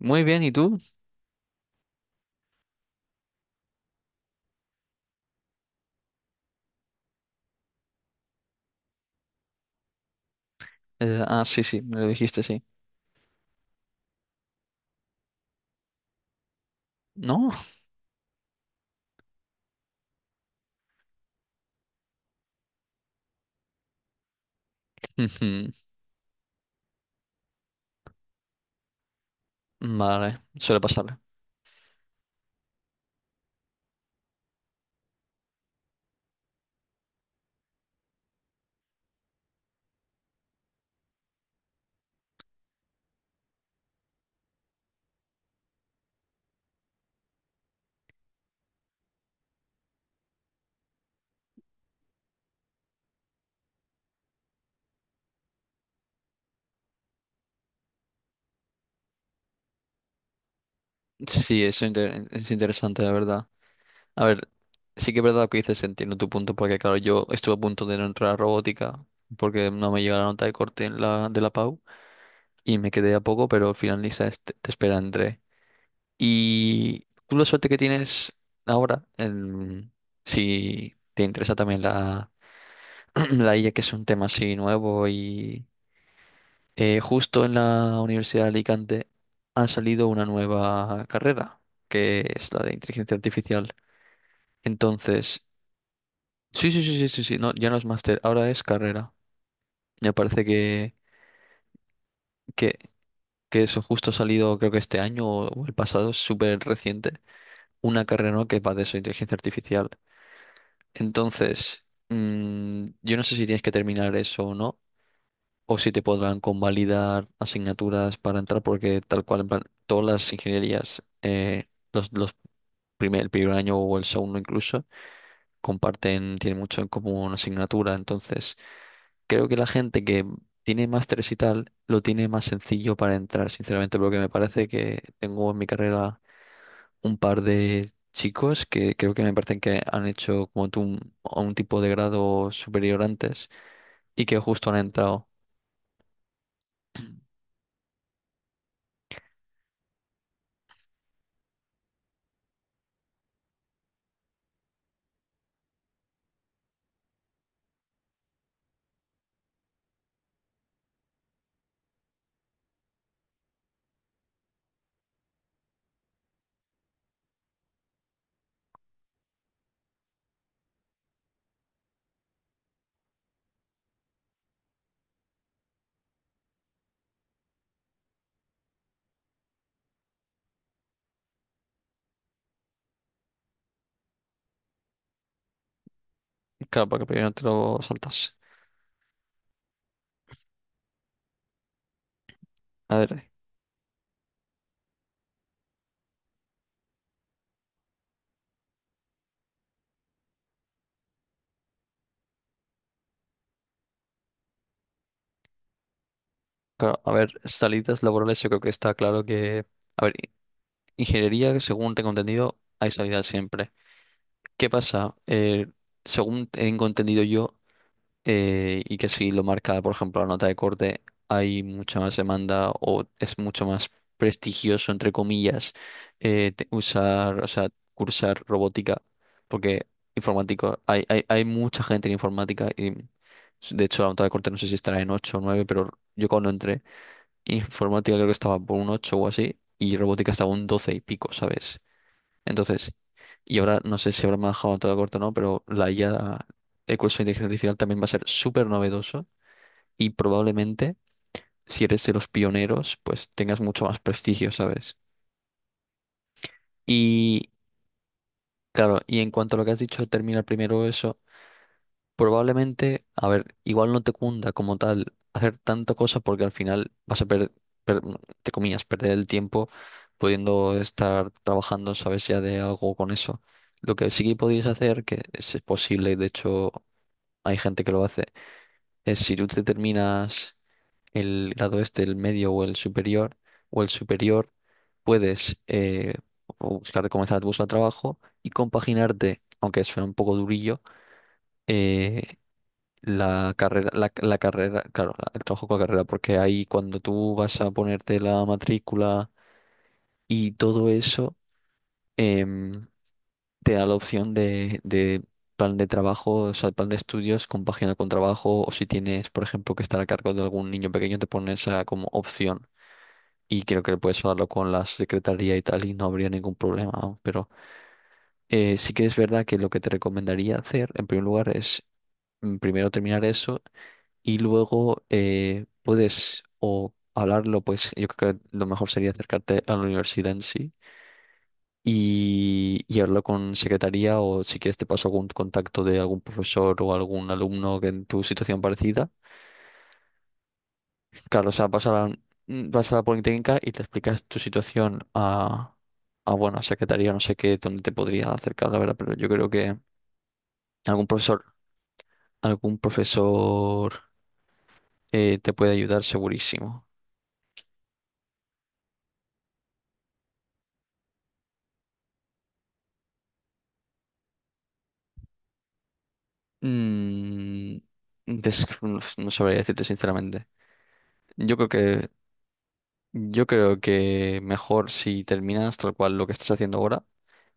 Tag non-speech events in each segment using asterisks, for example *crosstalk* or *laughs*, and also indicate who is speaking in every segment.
Speaker 1: Muy bien, ¿y tú? Ah, sí, sí, me lo dijiste, sí. ¿No? *laughs* Ujú. Vale, suele pasar. Sí, eso es interesante, la verdad. A ver, sí que es verdad lo que dices, entiendo tu punto, porque claro, yo estuve a punto de no entrar a robótica, porque no me llegó la nota de corte en la, de la PAU, y me quedé a poco, pero al final Lisa te espera entré. Y tú la suerte que tienes ahora, si te interesa también la, *clears throat* la IA, que es un tema así nuevo y justo en la Universidad de Alicante han salido una nueva carrera, que es la de inteligencia artificial. Entonces, sí, sí, sí, sí, sí, sí, no, ya no es máster, ahora es carrera. Me parece que, que, que eso justo ha salido, creo que este año o el pasado, es súper reciente, una carrera nueva que va de eso, inteligencia artificial. Entonces, yo no sé si tienes que terminar eso o no, o si te podrán convalidar asignaturas para entrar, porque tal cual, en plan, todas las ingenierías, los el primer año o el segundo incluso, comparten, tienen mucho en común asignatura. Entonces, creo que la gente que tiene másteres y tal, lo tiene más sencillo para entrar, sinceramente, porque me parece que tengo en mi carrera un par de chicos que creo que me parecen que han hecho como tú un tipo de grado superior antes y que justo han entrado. Claro, porque primero te lo saltas. A ver. Claro, a ver, salidas laborales yo creo que está claro que. A ver, ingeniería, según tengo entendido, hay salidas siempre. ¿Qué pasa? Según tengo entendido yo, y que si lo marca, por ejemplo, la nota de corte, hay mucha más demanda o es mucho más prestigioso, entre comillas, usar, o sea, cursar robótica, porque informático, hay mucha gente en informática y. De hecho, la nota de corte no sé si estará en 8 o 9 pero yo cuando entré informática creo que estaba por un 8 o así, y robótica estaba un 12 y pico, ¿sabes? Entonces, y ahora no sé si habrá manejado todo corto o no, pero la IA, el curso de inteligencia artificial también va a ser súper novedoso y probablemente, si eres de los pioneros, pues tengas mucho más prestigio, ¿sabes? Y claro, y en cuanto a lo que has dicho, terminar primero eso. Probablemente, a ver, igual no te cunda como tal hacer tanta cosa porque al final vas a perder, te comillas, perder el tiempo pudiendo estar trabajando, sabes, ya de algo con eso. Lo que sí que podrías hacer, que es posible, y de hecho hay gente que lo hace, es si tú te terminas el grado este, el medio o el superior, puedes buscar, comenzar a buscar trabajo y compaginarte, aunque suena un poco durillo, eh, la carrera, la carrera, claro, el trabajo con la carrera, porque ahí cuando tú vas a ponerte la matrícula y todo eso, em, te da la opción de plan de trabajo, o sea, plan de estudios compagina con trabajo, o si tienes, por ejemplo, que estar a cargo de algún niño pequeño, te pones esa como opción. Y creo que puedes hablarlo con la secretaría y tal, y no habría ningún problema, vamos. Pero sí que es verdad que lo que te recomendaría hacer, en primer lugar, es primero terminar eso y luego puedes o hablarlo, pues yo creo que lo mejor sería acercarte a la universidad en sí y hablarlo con secretaría o si quieres te paso algún contacto de algún profesor o algún alumno que en tu situación parecida. Claro, o sea, vas a la Politécnica y te explicas tu situación a bueno, a secretaría, no sé qué, dónde te podría acercar, la verdad, pero yo creo que algún profesor, algún profesor te puede ayudar segurísimo. Mm, des- no sabría decirte sinceramente. Yo creo que, yo creo que mejor si terminas tal cual lo que estás haciendo ahora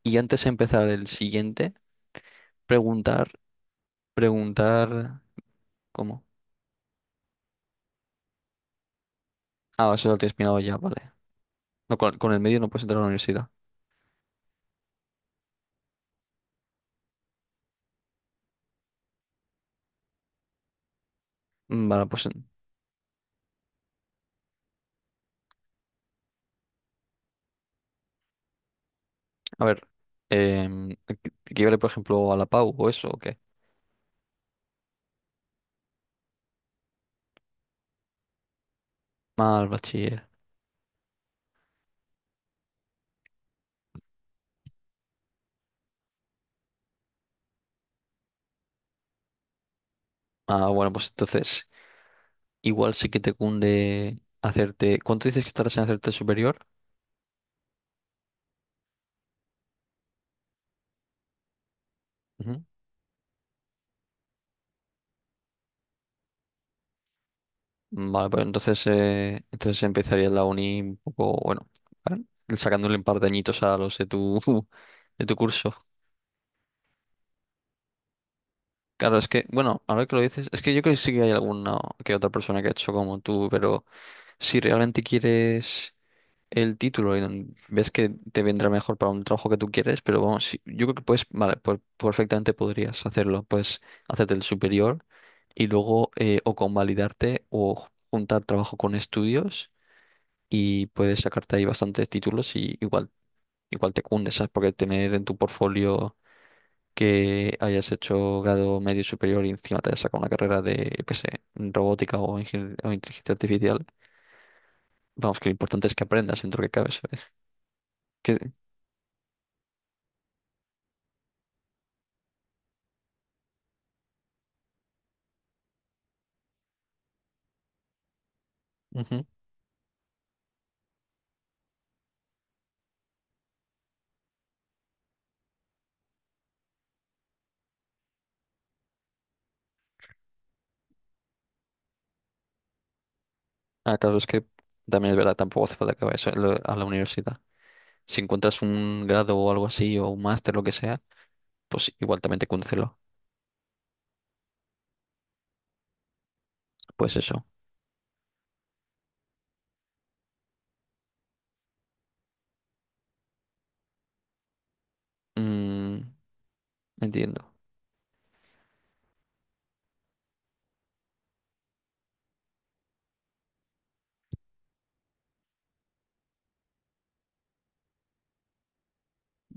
Speaker 1: y antes de empezar el siguiente, preguntar, preguntar, ¿cómo? Ah, eso lo tienes mirado ya, vale. No, con el medio no puedes entrar a la universidad. Mm, vale, pues a ver, em, que yo le, por ejemplo a la PAU o eso o qué. Mal, bachiller. Ah, bueno, pues entonces igual sí que te cunde hacerte. ¿Cuánto dices que estarás en hacerte el superior? Vale, pues entonces empezaría la uni un poco, bueno, ¿vale? Sacándole un par de añitos a los de tu, *laughs* de tu curso. Claro, es que, bueno, ahora que lo dices, es que yo creo que sí que hay alguna que otra persona que ha hecho como tú, pero si realmente quieres el título y ves que te vendrá mejor para un trabajo que tú quieres, pero vamos, sí, yo creo que puedes, vale, pues perfectamente podrías hacerlo, pues hacerte el superior y luego o convalidarte o juntar trabajo con estudios y puedes sacarte ahí bastantes títulos y igual, igual te cunde, ¿sabes? Porque tener en tu portfolio que hayas hecho grado medio y superior y encima te hayas sacado una carrera de, yo qué sé, robótica o, o inteligencia artificial, vamos, que lo importante es que aprendas dentro que cabe, ¿sabes? Que, Ujú. Ah, claro, es que también es verdad, tampoco hace falta que vayas a la universidad. Si encuentras un grado o algo así, o un máster, lo que sea, pues igual también te cunde hacerlo. Pues eso. Mm, entiendo.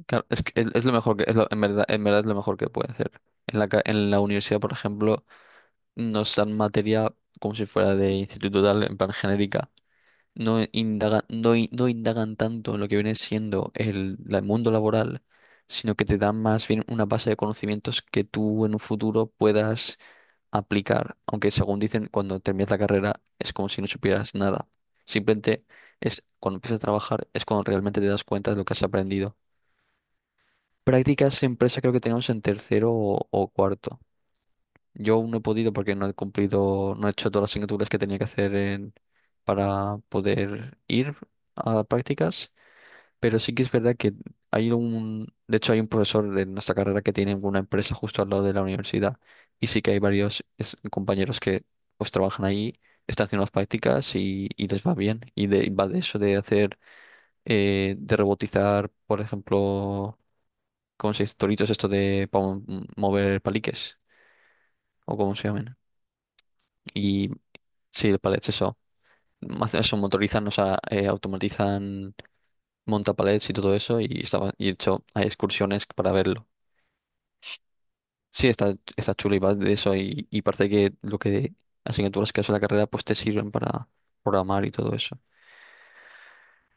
Speaker 1: Claro, es que es lo mejor que, en verdad es lo mejor que puede hacer. En la universidad, por ejemplo, nos dan materia como si fuera de instituto tal, en plan genérica. No indagan tanto en lo que viene siendo el mundo laboral, sino que te dan más bien una base de conocimientos que tú en un futuro puedas aplicar. Aunque según dicen, cuando terminas la carrera es como si no supieras nada. Simplemente es cuando empiezas a trabajar, es cuando realmente te das cuenta de lo que has aprendido. Prácticas en empresa creo que tenemos en tercero o cuarto. Yo aún no he podido porque no he cumplido, no he hecho todas las asignaturas que tenía que hacer para poder ir a prácticas, pero sí que es verdad que de hecho hay un profesor de nuestra carrera que tiene una empresa justo al lado de la universidad y sí que hay varios compañeros que pues trabajan ahí, están haciendo las prácticas y les va bien. Y va de eso de hacer, de robotizar, por ejemplo ¿cómo se dice? Toritos esto de para mover paliques, o como se llaman. Y sí, los palets, eso. Eso motorizan, o sea, automatizan montapalets y todo eso, y de hecho hay excursiones para verlo. Sí, está chulo y va de eso, y parece que lo que asignaturas que haces en la carrera pues te sirven para programar y todo eso.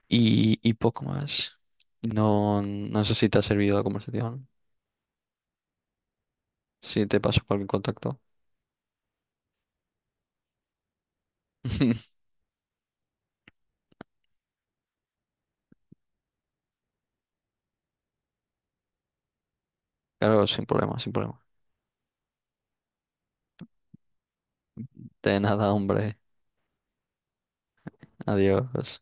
Speaker 1: Y poco más. No, no sé si te ha servido la conversación. Si te paso cualquier contacto. *laughs* Claro, sin problema, sin problema. De nada, hombre. Adiós.